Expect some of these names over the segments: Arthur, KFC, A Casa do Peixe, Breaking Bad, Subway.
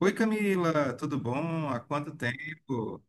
Oi, Camila, tudo bom? Há quanto tempo?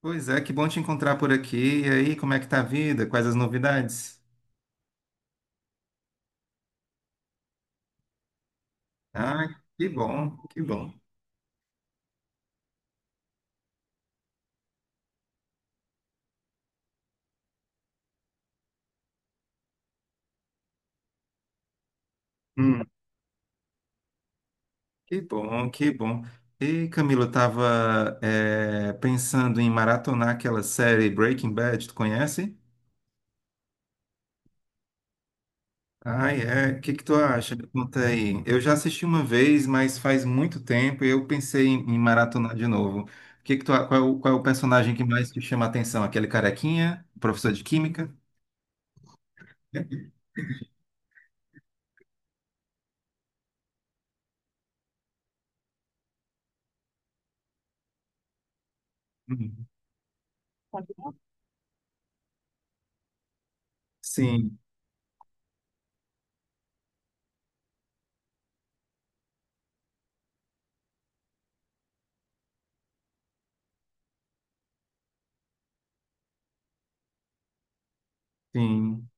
Pois é, que bom te encontrar por aqui. E aí, como é que tá a vida? Quais as novidades? Ah, que bom, que bom. Hum, que bom, que bom. E, Camila, eu tava pensando em maratonar aquela série Breaking Bad, tu conhece? Ai, é. O que que tu acha? Me conta aí. Eu já assisti uma vez, mas faz muito tempo e eu pensei em maratonar de novo. O Que que tu, a- qual é o personagem que mais te chama a atenção? Aquele carequinha, professor de química? Uhum. Sim, sim.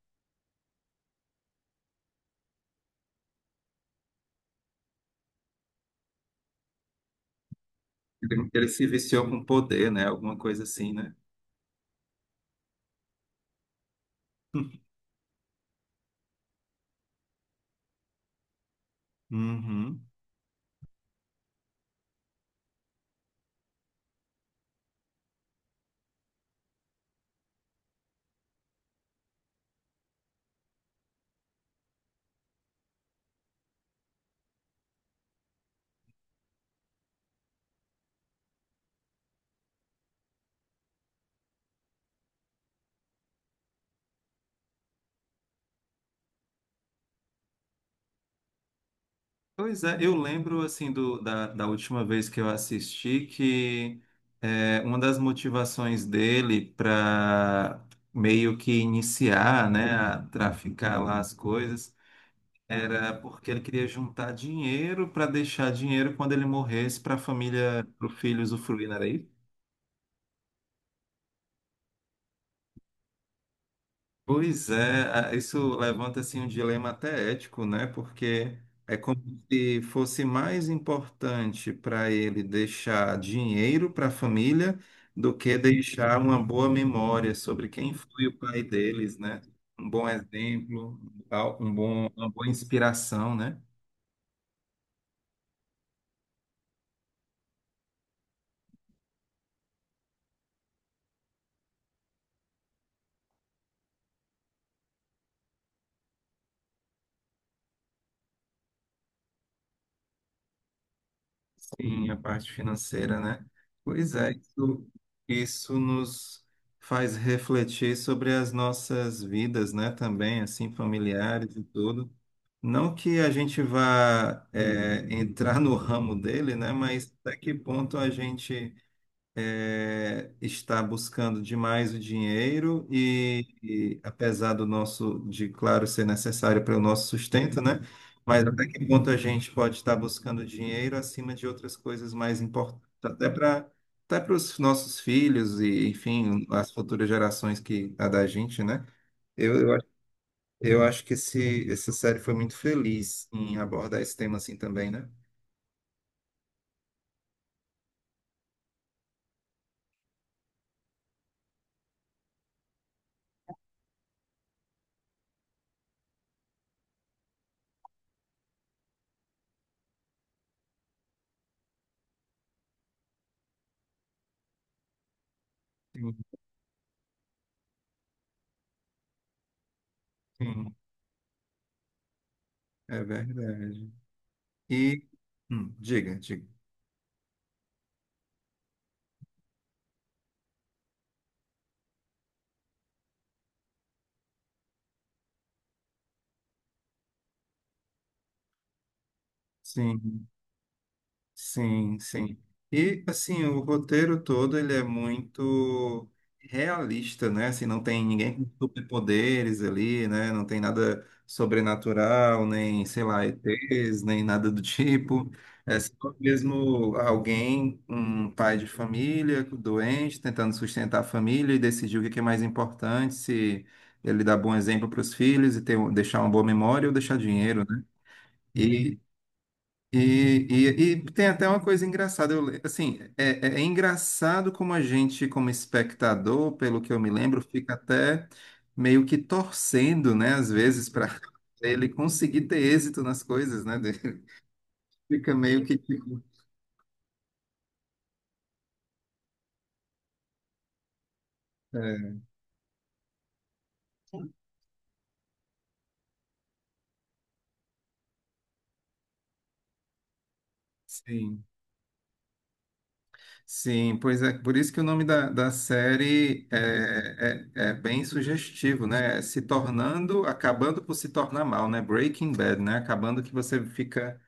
Ele se viciou com poder, né? Alguma coisa assim, né? Uhum. Pois é, eu lembro assim da última vez que eu assisti que uma das motivações dele para meio que iniciar, né, a traficar lá as coisas era porque ele queria juntar dinheiro para deixar dinheiro quando ele morresse para a família, para o filho usufruir, não era isso? Pois é, isso levanta assim um dilema até ético, né? Porque é como se fosse mais importante para ele deixar dinheiro para a família do que deixar uma boa memória sobre quem foi o pai deles, né? Um bom exemplo, uma boa inspiração, né? Sim, a parte financeira, né? Pois é, isso nos faz refletir sobre as nossas vidas, né? Também, assim, familiares e tudo. Não que a gente vá, é, entrar no ramo dele, né? Mas até que ponto a gente é, está buscando demais o dinheiro e apesar do nosso, de claro, ser necessário para o nosso sustento, né? Mas até que ponto a gente pode estar buscando dinheiro acima de outras coisas mais importantes, até para os nossos filhos e, enfim, as futuras gerações que a da gente, né? Eu, eu, acho- eu acho que essa série foi muito feliz em abordar esse tema assim também, né? Sim, sim, é verdade. E, diga, diga. Sim, sim, sim. E assim, o roteiro todo ele é muito realista, né? Assim, não tem ninguém com superpoderes ali, né? Não tem nada sobrenatural, nem, sei lá, ETs, nem nada do tipo. É só mesmo alguém, um pai de família, doente, tentando sustentar a família e decidir o que que é mais importante, se ele dá bom exemplo para os filhos e ter, deixar uma boa memória ou deixar dinheiro, né? E e tem até uma coisa engraçada, eu, le- assim, é, é- é engraçado como a gente, como espectador, pelo que eu me lembro, fica até meio que torcendo, né, às vezes, para ele conseguir ter êxito nas coisas, né, dele. Fica meio que tipo, é, sim, sim, pois é, por isso que o nome da série é bem sugestivo, né, é se tornando, acabando por se tornar mal, né, Breaking Bad, né, acabando que você fica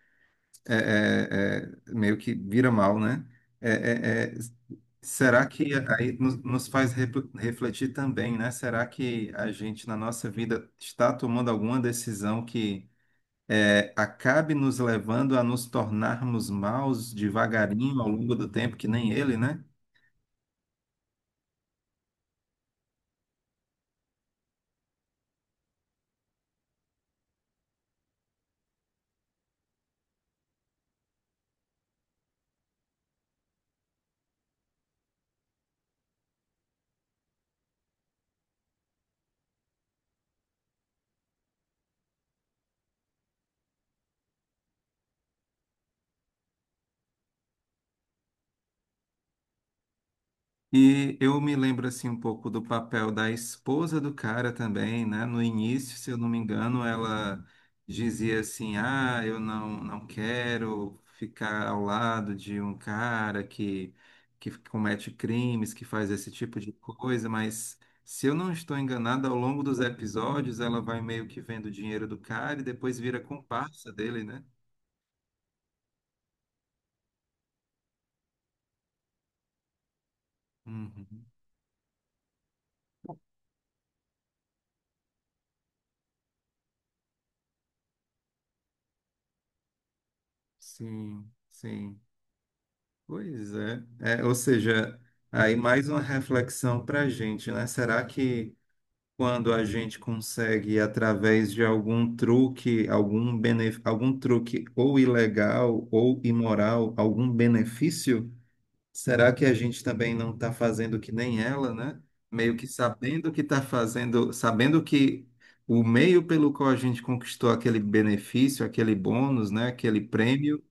meio que vira mal, né? É, é, é, será que aí nos, refletir também, né? Será que a gente, na nossa vida, está tomando alguma decisão que é, acabe nos levando a nos tornarmos maus devagarinho ao longo do tempo, que nem ele, né? E eu me lembro assim um pouco do papel da esposa do cara também, né? No início, se eu não me engano, ela dizia assim: "Ah, eu não quero ficar ao lado de um cara que comete crimes, que faz esse tipo de coisa", mas se eu não estou enganado, ao longo dos episódios ela vai meio que vendo o dinheiro do cara e depois vira comparsa dele, né? Uhum. Sim, sim. Pois é. É, ou seja, aí mais uma reflexão para a gente, né? Será que quando a gente consegue, através de algum truque, algum truque ou ilegal ou imoral, algum benefício, será que a gente também não está fazendo que nem ela, né? Meio que sabendo que está fazendo, sabendo que o meio pelo qual a gente conquistou aquele benefício, aquele bônus, né? Aquele prêmio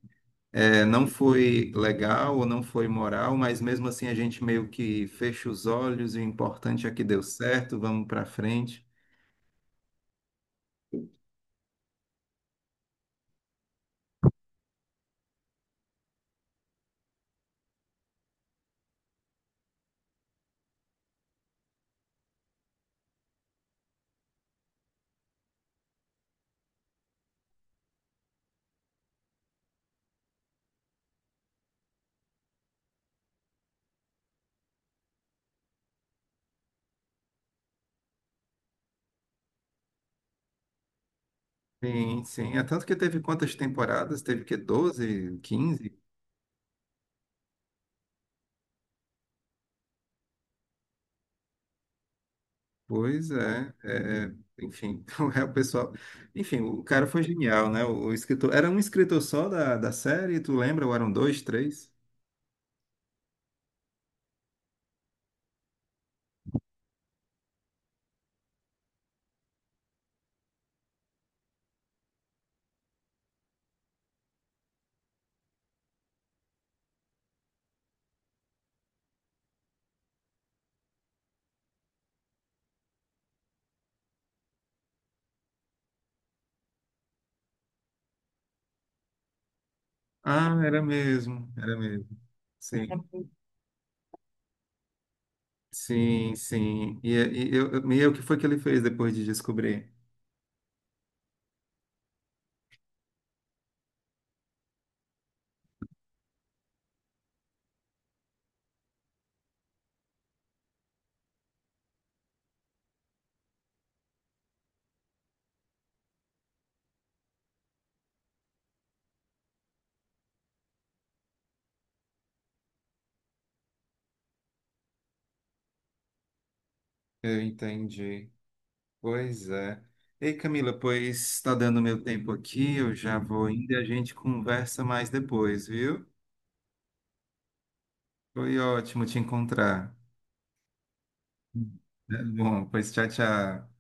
é, não foi legal ou não foi moral, mas mesmo assim a gente meio que fecha os olhos e o importante é que deu certo, vamos para frente. Sim, sim. É tanto que teve quantas temporadas? Teve que doze, quinze? Pois é, é, enfim, é o pessoal. Enfim, o cara foi genial, né? O escritor. Era um escritor só da série, tu lembra? Ou eram dois, três? Ah, era mesmo, era mesmo. Sim, sim, sim. E o que foi que ele fez depois de descobrir? Eu entendi. Pois é. Ei, Camila, pois está dando meu tempo aqui, eu já vou indo e a gente conversa mais depois, viu? Foi ótimo te encontrar. Bom, pois tchau, tchau.